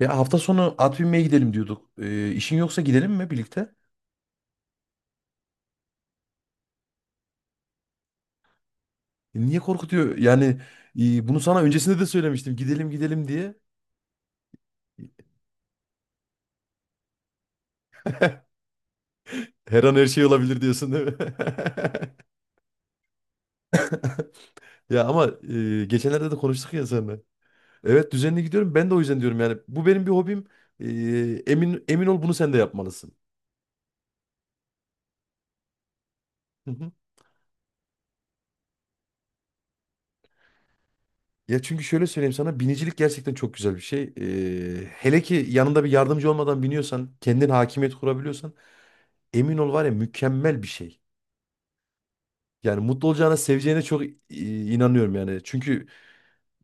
Ya hafta sonu at binmeye gidelim diyorduk. İşin yoksa gidelim mi birlikte? Niye korkutuyor? Yani, bunu sana öncesinde de söylemiştim. Gidelim gidelim diye. Her an her şey olabilir diyorsun değil mi? Ya ama, geçenlerde de konuştuk ya seninle. Evet, düzenli gidiyorum. Ben de o yüzden diyorum yani. Bu benim bir hobim. E, emin ol, bunu sen de yapmalısın. Hı hı. Ya çünkü şöyle söyleyeyim sana, binicilik gerçekten çok güzel bir şey. Hele ki yanında bir yardımcı olmadan biniyorsan, kendin hakimiyet kurabiliyorsan, emin ol, var ya, mükemmel bir şey. Yani mutlu olacağına, seveceğine çok inanıyorum yani. Çünkü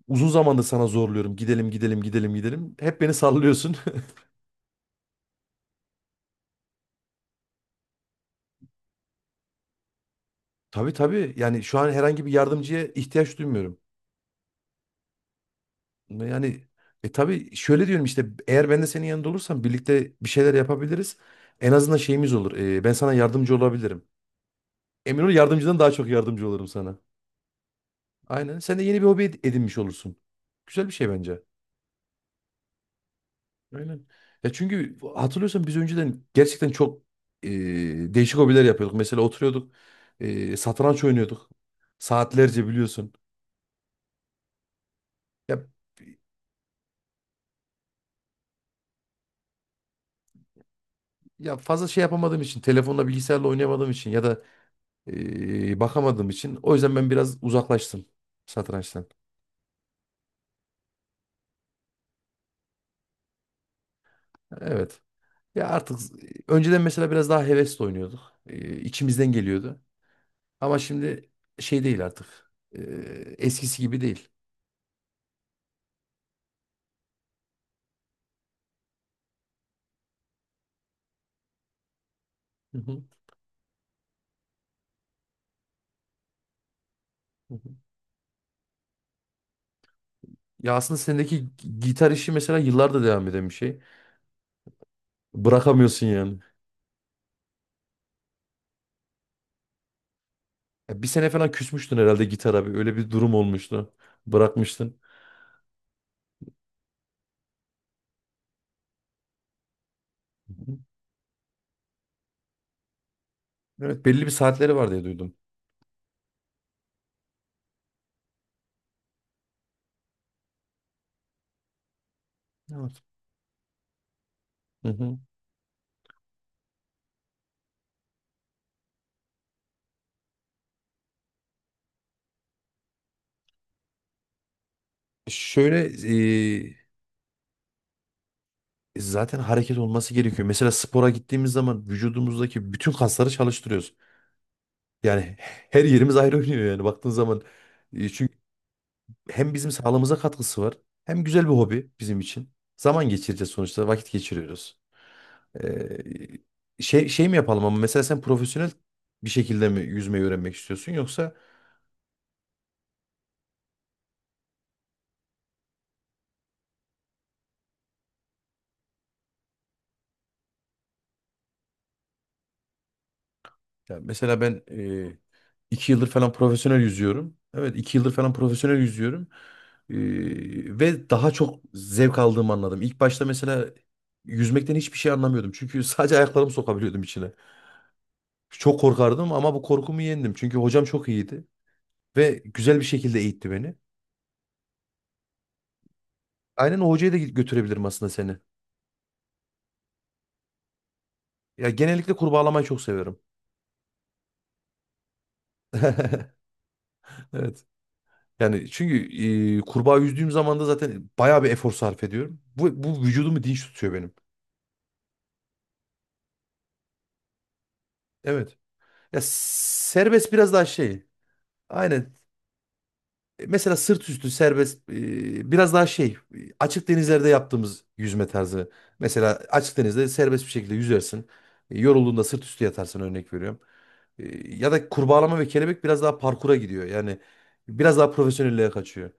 uzun zamandır sana zorluyorum. Gidelim, gidelim, gidelim, gidelim. Hep beni sallıyorsun. Tabii tabii. Yani şu an herhangi bir yardımcıya ihtiyaç duymuyorum. Yani, tabii şöyle diyorum işte, eğer ben de senin yanında olursam birlikte bir şeyler yapabiliriz. En azından şeyimiz olur. Ben sana yardımcı olabilirim. Emin ol, yardımcıdan daha çok yardımcı olurum sana. Aynen. Sen de yeni bir hobi edinmiş olursun. Güzel bir şey bence. Aynen. Ya çünkü hatırlıyorsan biz önceden gerçekten çok e, değişik hobiler yapıyorduk. Mesela oturuyorduk, satranç oynuyorduk. Saatlerce biliyorsun. Ya ya, fazla şey yapamadığım için, telefonla bilgisayarla oynayamadığım için ya da bakamadığım için o yüzden ben biraz uzaklaştım satrançtan. Evet. Ya artık önceden mesela biraz daha hevesle oynuyorduk. İçimizden geliyordu. Ama şimdi şey değil artık. Eskisi gibi değil. Hı hı. Ya aslında sendeki gitar işi mesela yıllardır devam eden bir şey. Bırakamıyorsun yani. Ya bir sene falan küsmüştün herhalde gitara bir. Öyle bir durum olmuştu. Bırakmıştın. Hı hı. Evet, belli bir saatleri var diye duydum. Evet. Hı hı. Şöyle e, zaten hareket olması gerekiyor. Mesela spora gittiğimiz zaman vücudumuzdaki bütün kasları çalıştırıyoruz. Yani her yerimiz ayrı oynuyor yani baktığın zaman. Çünkü hem bizim sağlığımıza katkısı var, hem güzel bir hobi bizim için. Zaman geçireceğiz sonuçta, vakit geçiriyoruz. Şey mi yapalım ama mesela, sen profesyonel bir şekilde mi yüzmeyi öğrenmek istiyorsun yoksa? Ya mesela ben, iki yıldır falan profesyonel yüzüyorum. Evet, iki yıldır falan profesyonel yüzüyorum. Ve daha çok zevk aldığımı anladım. İlk başta mesela yüzmekten hiçbir şey anlamıyordum. Çünkü sadece ayaklarımı sokabiliyordum içine. Çok korkardım ama bu korkumu yendim. Çünkü hocam çok iyiydi ve güzel bir şekilde eğitti beni. Aynen, o hocaya da götürebilirim aslında seni. Ya genellikle kurbağalamayı çok seviyorum. Evet. Yani çünkü, kurbağa yüzdüğüm zaman da zaten bayağı bir efor sarf ediyorum. Bu vücudumu dinç tutuyor benim. Evet. Ya serbest biraz daha şey. Aynen. Mesela sırt üstü serbest, biraz daha şey. Açık denizlerde yaptığımız yüzme tarzı. Mesela açık denizde serbest bir şekilde yüzersin. Yorulduğunda sırt üstü yatarsın, örnek veriyorum. Ya da kurbağalama ve kelebek biraz daha parkura gidiyor. Yani biraz daha profesyonelliğe kaçıyor.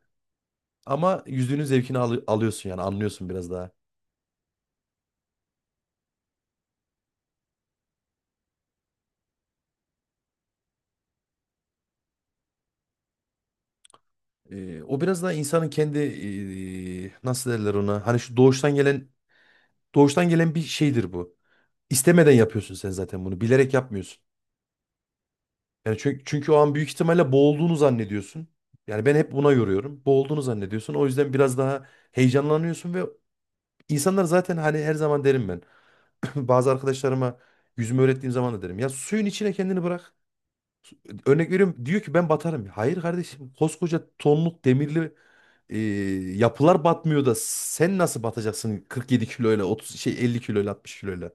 Ama yüzdüğünün zevkini alıyorsun yani, anlıyorsun biraz daha. O biraz daha insanın kendi, nasıl derler ona? Hani şu doğuştan gelen, doğuştan gelen bir şeydir bu. İstemeden yapıyorsun sen zaten bunu. Bilerek yapmıyorsun. Yani çünkü o an büyük ihtimalle boğulduğunu zannediyorsun. Yani ben hep buna yoruyorum. Boğulduğunu zannediyorsun. O yüzden biraz daha heyecanlanıyorsun ve insanlar zaten hani, her zaman derim ben. Bazı arkadaşlarıma yüzme öğrettiğim zaman da derim. Ya suyun içine kendini bırak. Örnek veriyorum, diyor ki ben batarım. Hayır kardeşim, koskoca tonluk demirli e, yapılar batmıyor da sen nasıl batacaksın 47 kiloyla, 30 şey 50 kiloyla, 60 kiloyla?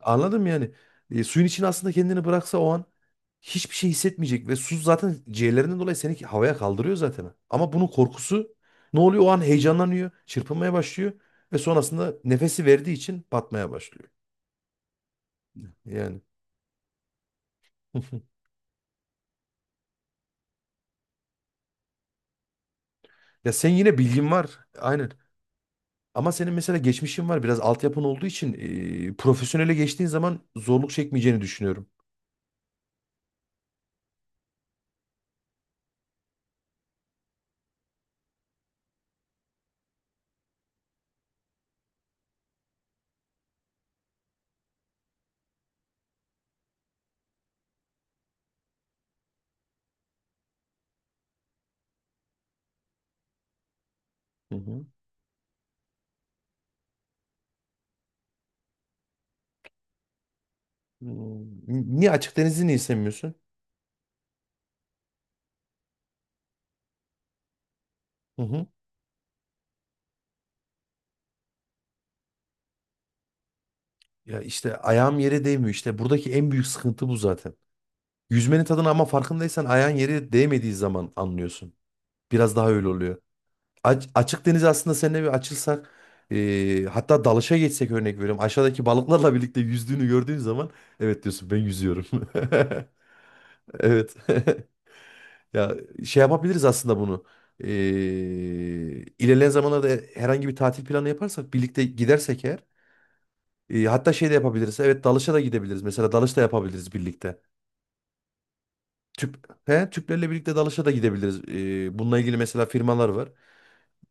Anladım yani. Suyun içine aslında kendini bıraksa o an hiçbir şey hissetmeyecek ve su zaten ciğerlerinden dolayı seni havaya kaldırıyor zaten. Ama bunun korkusu ne oluyor? O an heyecanlanıyor, çırpınmaya başlıyor ve sonrasında nefesi verdiği için batmaya başlıyor. Yani. Ya sen yine, bilgin var. Aynen. Ama senin mesela geçmişin var. Biraz altyapın olduğu için profesyonele geçtiğin zaman zorluk çekmeyeceğini düşünüyorum. Hı hı. Hmm. Niye açık denizi niye sevmiyorsun? Hı hı. Ya işte ayağım yere değmiyor işte. Buradaki en büyük sıkıntı bu zaten. Yüzmenin tadını ama farkındaysan ayağın yere değmediği zaman anlıyorsun. Biraz daha öyle oluyor. Açık deniz aslında seninle bir açılsak, hatta dalışa geçsek, örnek veriyorum. Aşağıdaki balıklarla birlikte yüzdüğünü gördüğün zaman evet diyorsun, ben yüzüyorum. Evet. Ya şey yapabiliriz aslında bunu. Ee, ilerleyen zamanlarda herhangi bir tatil planı yaparsak, birlikte gidersek eğer, hatta şey de yapabiliriz. Evet, dalışa da gidebiliriz. Mesela dalış da yapabiliriz birlikte. Tüp, he, Tüplerle birlikte dalışa da gidebiliriz. Bununla ilgili mesela firmalar var.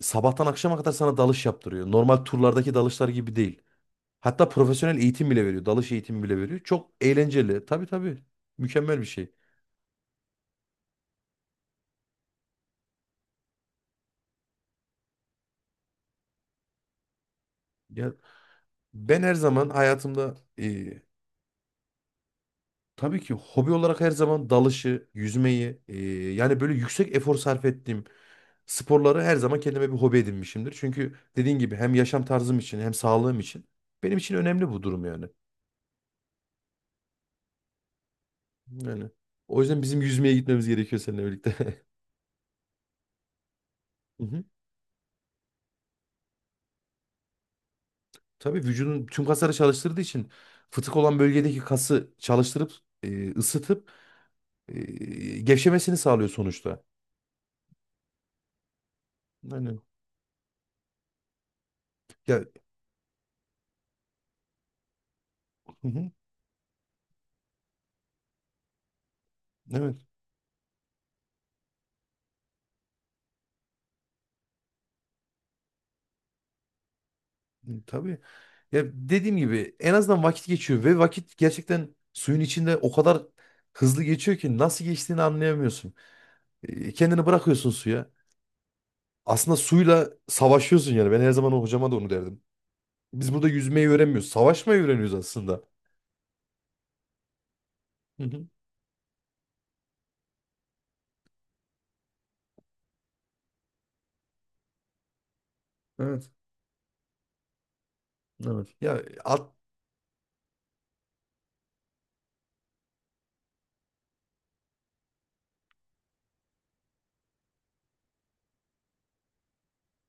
Sabahtan akşama kadar sana dalış yaptırıyor. Normal turlardaki dalışlar gibi değil. Hatta profesyonel eğitim bile veriyor. Dalış eğitimi bile veriyor. Çok eğlenceli. Tabii tabii. Mükemmel bir şey. Ya ben her zaman hayatımda e, Tabii ki hobi olarak her zaman dalışı, yüzmeyi, yani böyle yüksek efor sarf ettiğim sporları her zaman kendime bir hobi edinmişimdir. Çünkü dediğin gibi hem yaşam tarzım için, hem sağlığım için benim için önemli bu durum yani. Yani o yüzden bizim yüzmeye gitmemiz gerekiyor seninle birlikte. Hı hı. Tabii, vücudun tüm kasları çalıştırdığı için fıtık olan bölgedeki kası çalıştırıp, ısıtıp, e, gevşemesini sağlıyor sonuçta. Yani ya hı hı, evet tabii. Ya dediğim gibi en azından vakit geçiyor ve vakit gerçekten suyun içinde o kadar hızlı geçiyor ki nasıl geçtiğini anlayamıyorsun. Kendini bırakıyorsun suya. Aslında suyla savaşıyorsun yani. Ben her zaman o hocama da onu derdim. Biz burada yüzmeyi öğrenmiyoruz. Savaşmayı öğreniyoruz aslında. Hı hı. Evet. Evet. Ya at.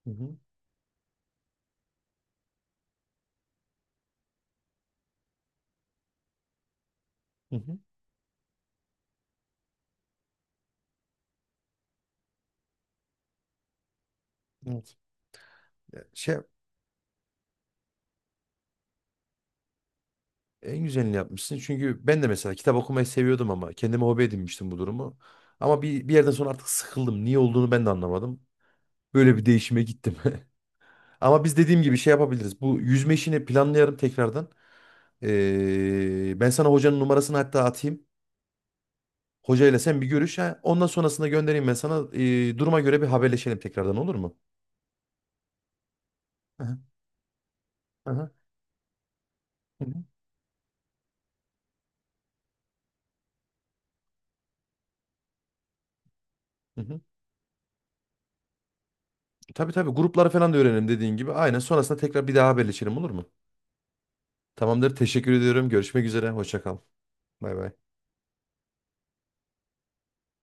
Hı hı, hı hı. Evet. Ya şey, en güzelini yapmışsın. Çünkü ben de mesela kitap okumayı seviyordum ama kendime hobi edinmiştim bu durumu. Ama bir yerden sonra artık sıkıldım. Niye olduğunu ben de anlamadım. Böyle bir değişime gittim. Ama biz dediğim gibi şey yapabiliriz. Bu yüzme işini planlayalım tekrardan. Ben sana hocanın numarasını hatta atayım. Hocayla sen bir görüş. Ha, ondan sonrasında göndereyim ben sana. Duruma göre bir haberleşelim tekrardan, olur mu? Hı hı. Hı Hı hı. Hı hı. Tabii tabii, grupları falan da öğrenelim dediğin gibi. Aynen, sonrasında tekrar bir daha haberleşelim, olur mu? Tamamdır. Teşekkür ediyorum. Görüşmek üzere. Hoşça kal. Bay bay.